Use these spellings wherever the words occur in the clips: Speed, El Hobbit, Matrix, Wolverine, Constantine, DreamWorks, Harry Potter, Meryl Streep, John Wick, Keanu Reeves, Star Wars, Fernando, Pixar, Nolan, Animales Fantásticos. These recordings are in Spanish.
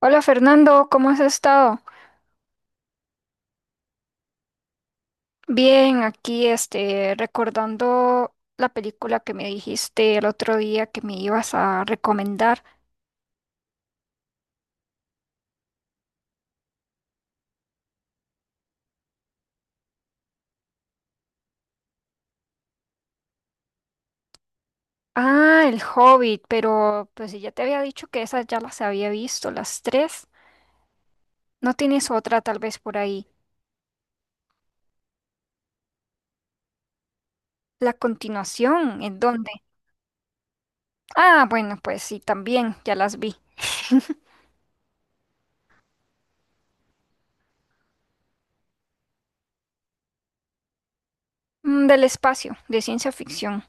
Hola Fernando, ¿cómo has estado? Bien, aquí recordando la película que me dijiste el otro día que me ibas a recomendar. Ah, El Hobbit, pero pues si ya te había dicho que esas ya las había visto, las tres. ¿No tienes otra tal vez por ahí? ¿La continuación? ¿En dónde? Ah, bueno, pues sí, también ya las vi. Mm, del espacio, de ciencia ficción.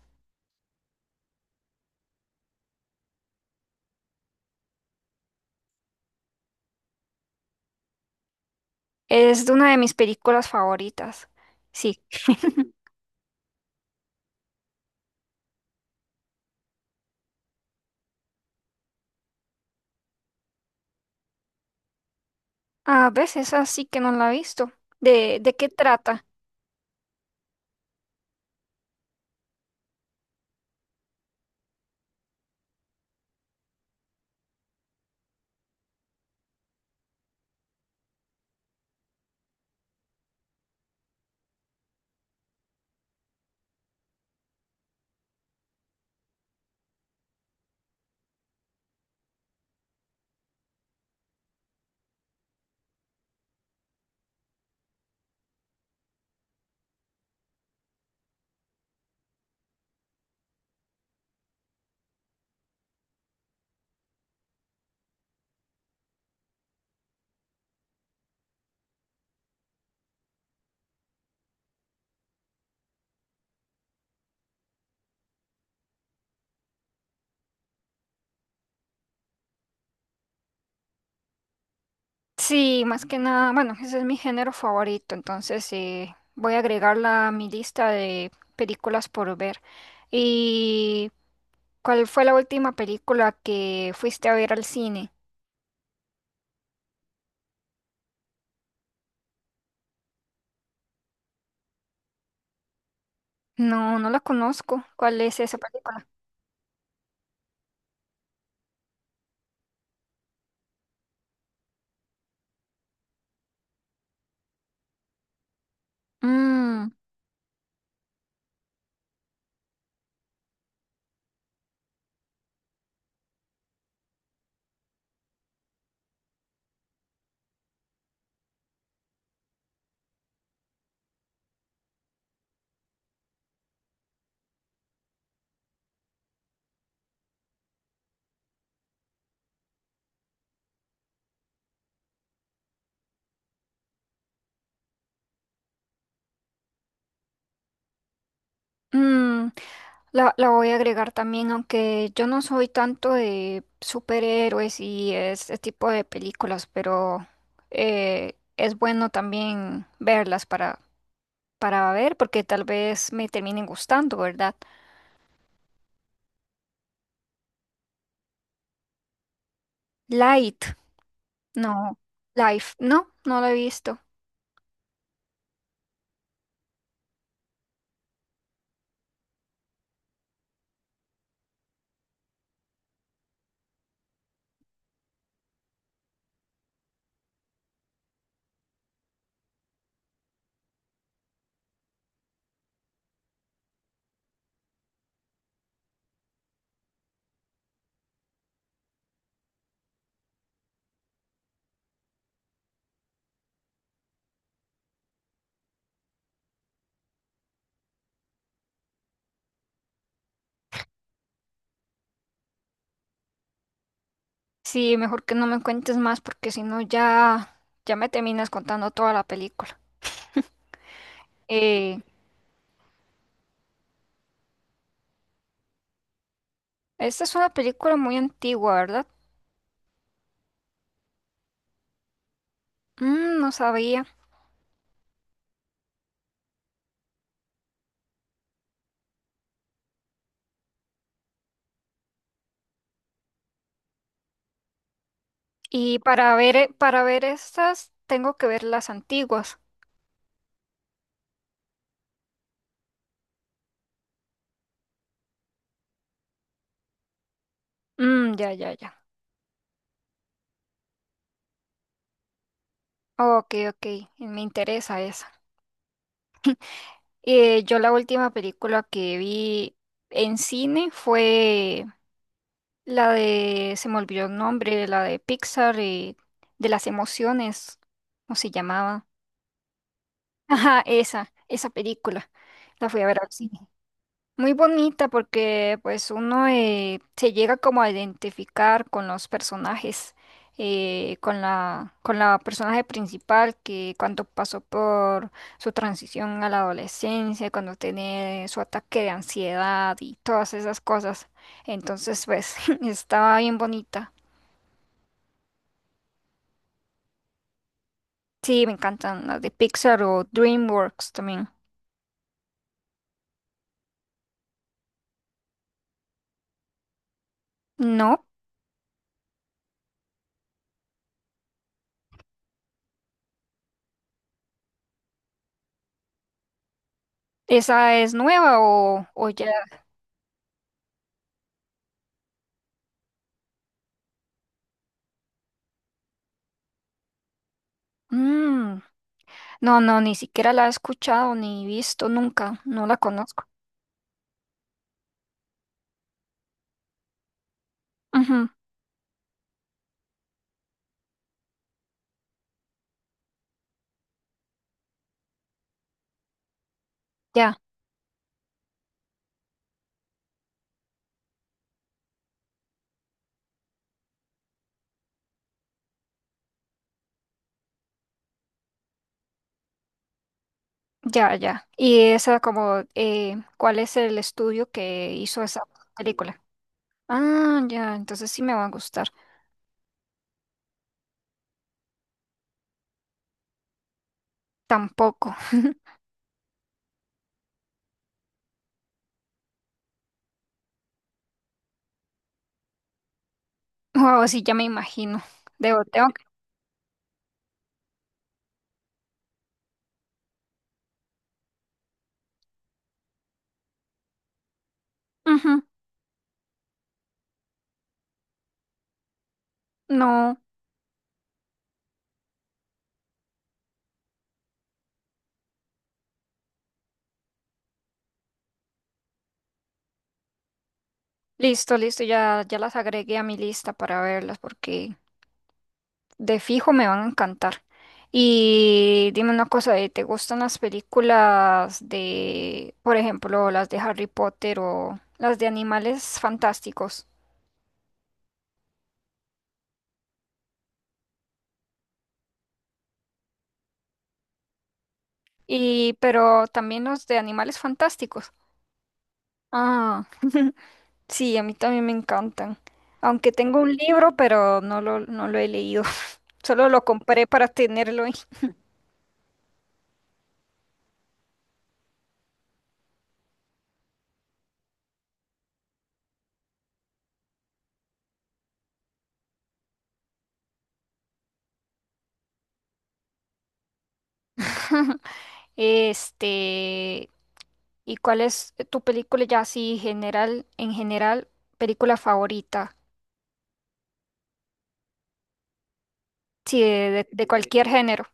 Es de una de mis películas favoritas. Sí. A veces así que no la he visto. ¿¿De qué trata? Sí, más que nada, bueno, ese es mi género favorito, entonces voy a agregarla a mi lista de películas por ver. ¿Y cuál fue la última película que fuiste a ver al cine? No, no la conozco. ¿Cuál es esa película? Mm, mm. La voy a agregar también, aunque yo no soy tanto de superhéroes y este tipo de películas, pero es bueno también verlas para ver, porque tal vez me terminen gustando, ¿verdad? Light, no, Life, no, no la he visto. Sí, mejor que no me cuentes más, porque si no ya, ya me terminas contando toda la película. Eh, Esta es una película muy antigua, ¿verdad? Mm, no sabía. Y para ver estas, tengo que ver las antiguas. Mm, ya, ya, ya. Ok, ok. Y me interesa esa. Yo la última película que vi en cine fue la de, se me olvidó el nombre, la de Pixar, de las emociones, ¿cómo se llamaba? Ajá, esa película. La fui a ver al cine. Muy bonita porque pues uno se llega como a identificar con los personajes, con con la personaje principal que cuando pasó por su transición a la adolescencia, cuando tiene su ataque de ansiedad y todas esas cosas. Entonces pues estaba bien bonita. Sí, me encantan las de Pixar o DreamWorks también. ¿No? ¿Esa es nueva o ya? Mm. No, no, ni siquiera la he escuchado ni visto nunca, no la conozco. Ujú. Ya, ya, ya. Y esa como, ¿cuál es el estudio que hizo esa película? Ah, ya, entonces sí me va a gustar. Tampoco. Wow, sí, ya me imagino. Debo, tengo que- ujú. No, listo, listo, ya, ya las agregué a mi lista para verlas porque de fijo me van a encantar. Y dime una cosa, ¿eh? ¿Te gustan las películas de, por ejemplo, las de Harry Potter o las de animales fantásticos? Y, pero también los de animales fantásticos. Ah, sí, a mí también me encantan. Aunque tengo un libro, pero no lo he leído. Solo lo compré para tenerlo ahí. Este, ¿Y cuál es tu película ya así general, en general, película favorita? Sí, de, de cualquier género.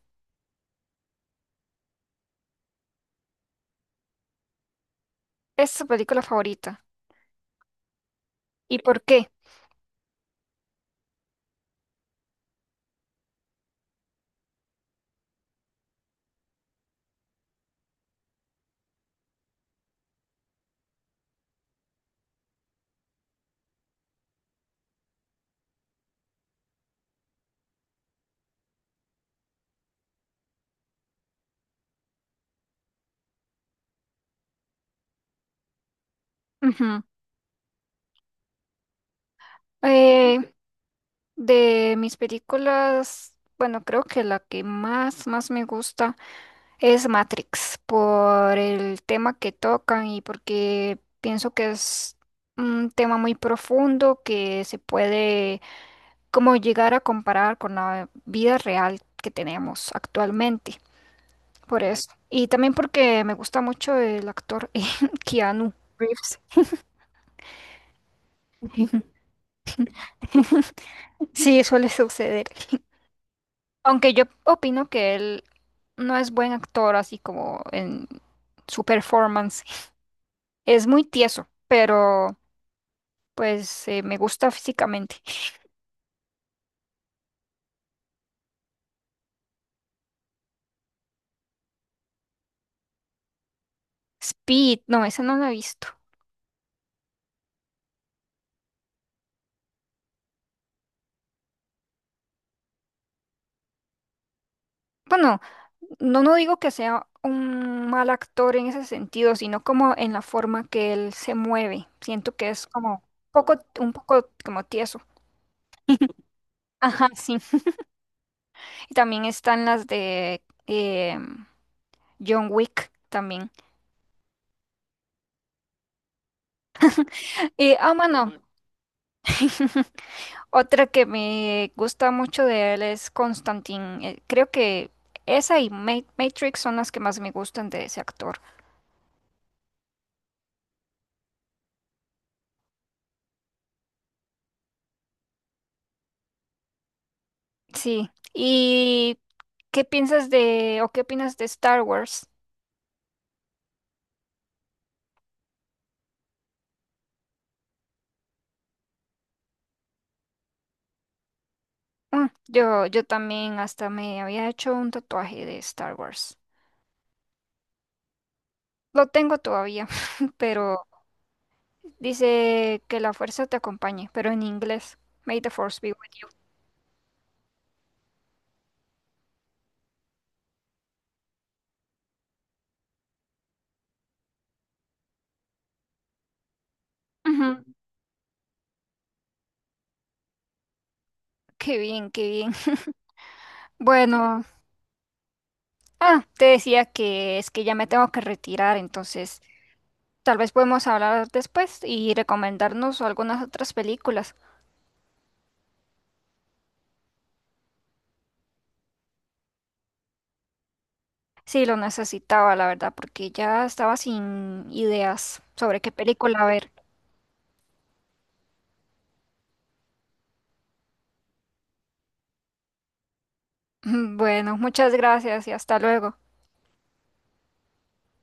Es tu película favorita. ¿Y por qué? Ujú. Eh, de mis películas, bueno, creo que la que más, más me gusta es Matrix, por el tema que tocan y porque pienso que es un tema muy profundo que se puede como llegar a comparar con la vida real que tenemos actualmente. Por eso. Y también porque me gusta mucho el actor Keanu Reeves. Sí, suele suceder. Aunque yo opino que él no es buen actor, así como en su performance. Es muy tieso, pero pues me gusta físicamente. Speed, no, esa no la he visto. Bueno, no, no digo que sea un mal actor en ese sentido, sino como en la forma que él se mueve. Siento que es como poco, un poco como tieso. Ajá, sí. Y también están las de John Wick también. Y, ah, bueno, otra que me gusta mucho de él es Constantine. Creo que esa y Matrix son las que más me gustan de ese actor. Sí. ¿Y qué piensas de o qué opinas de Star Wars? Mm, yo también hasta me había hecho un tatuaje de Star Wars. Lo tengo todavía, pero... Dice que la fuerza te acompañe, pero en inglés. May the force be with you. Ujú. Qué bien, qué bien. Bueno, ah, te decía que es que ya me tengo que retirar, entonces tal vez podemos hablar después y recomendarnos algunas otras películas. Sí, lo necesitaba, la verdad, porque ya estaba sin ideas sobre qué película ver. Bueno, muchas gracias y hasta luego.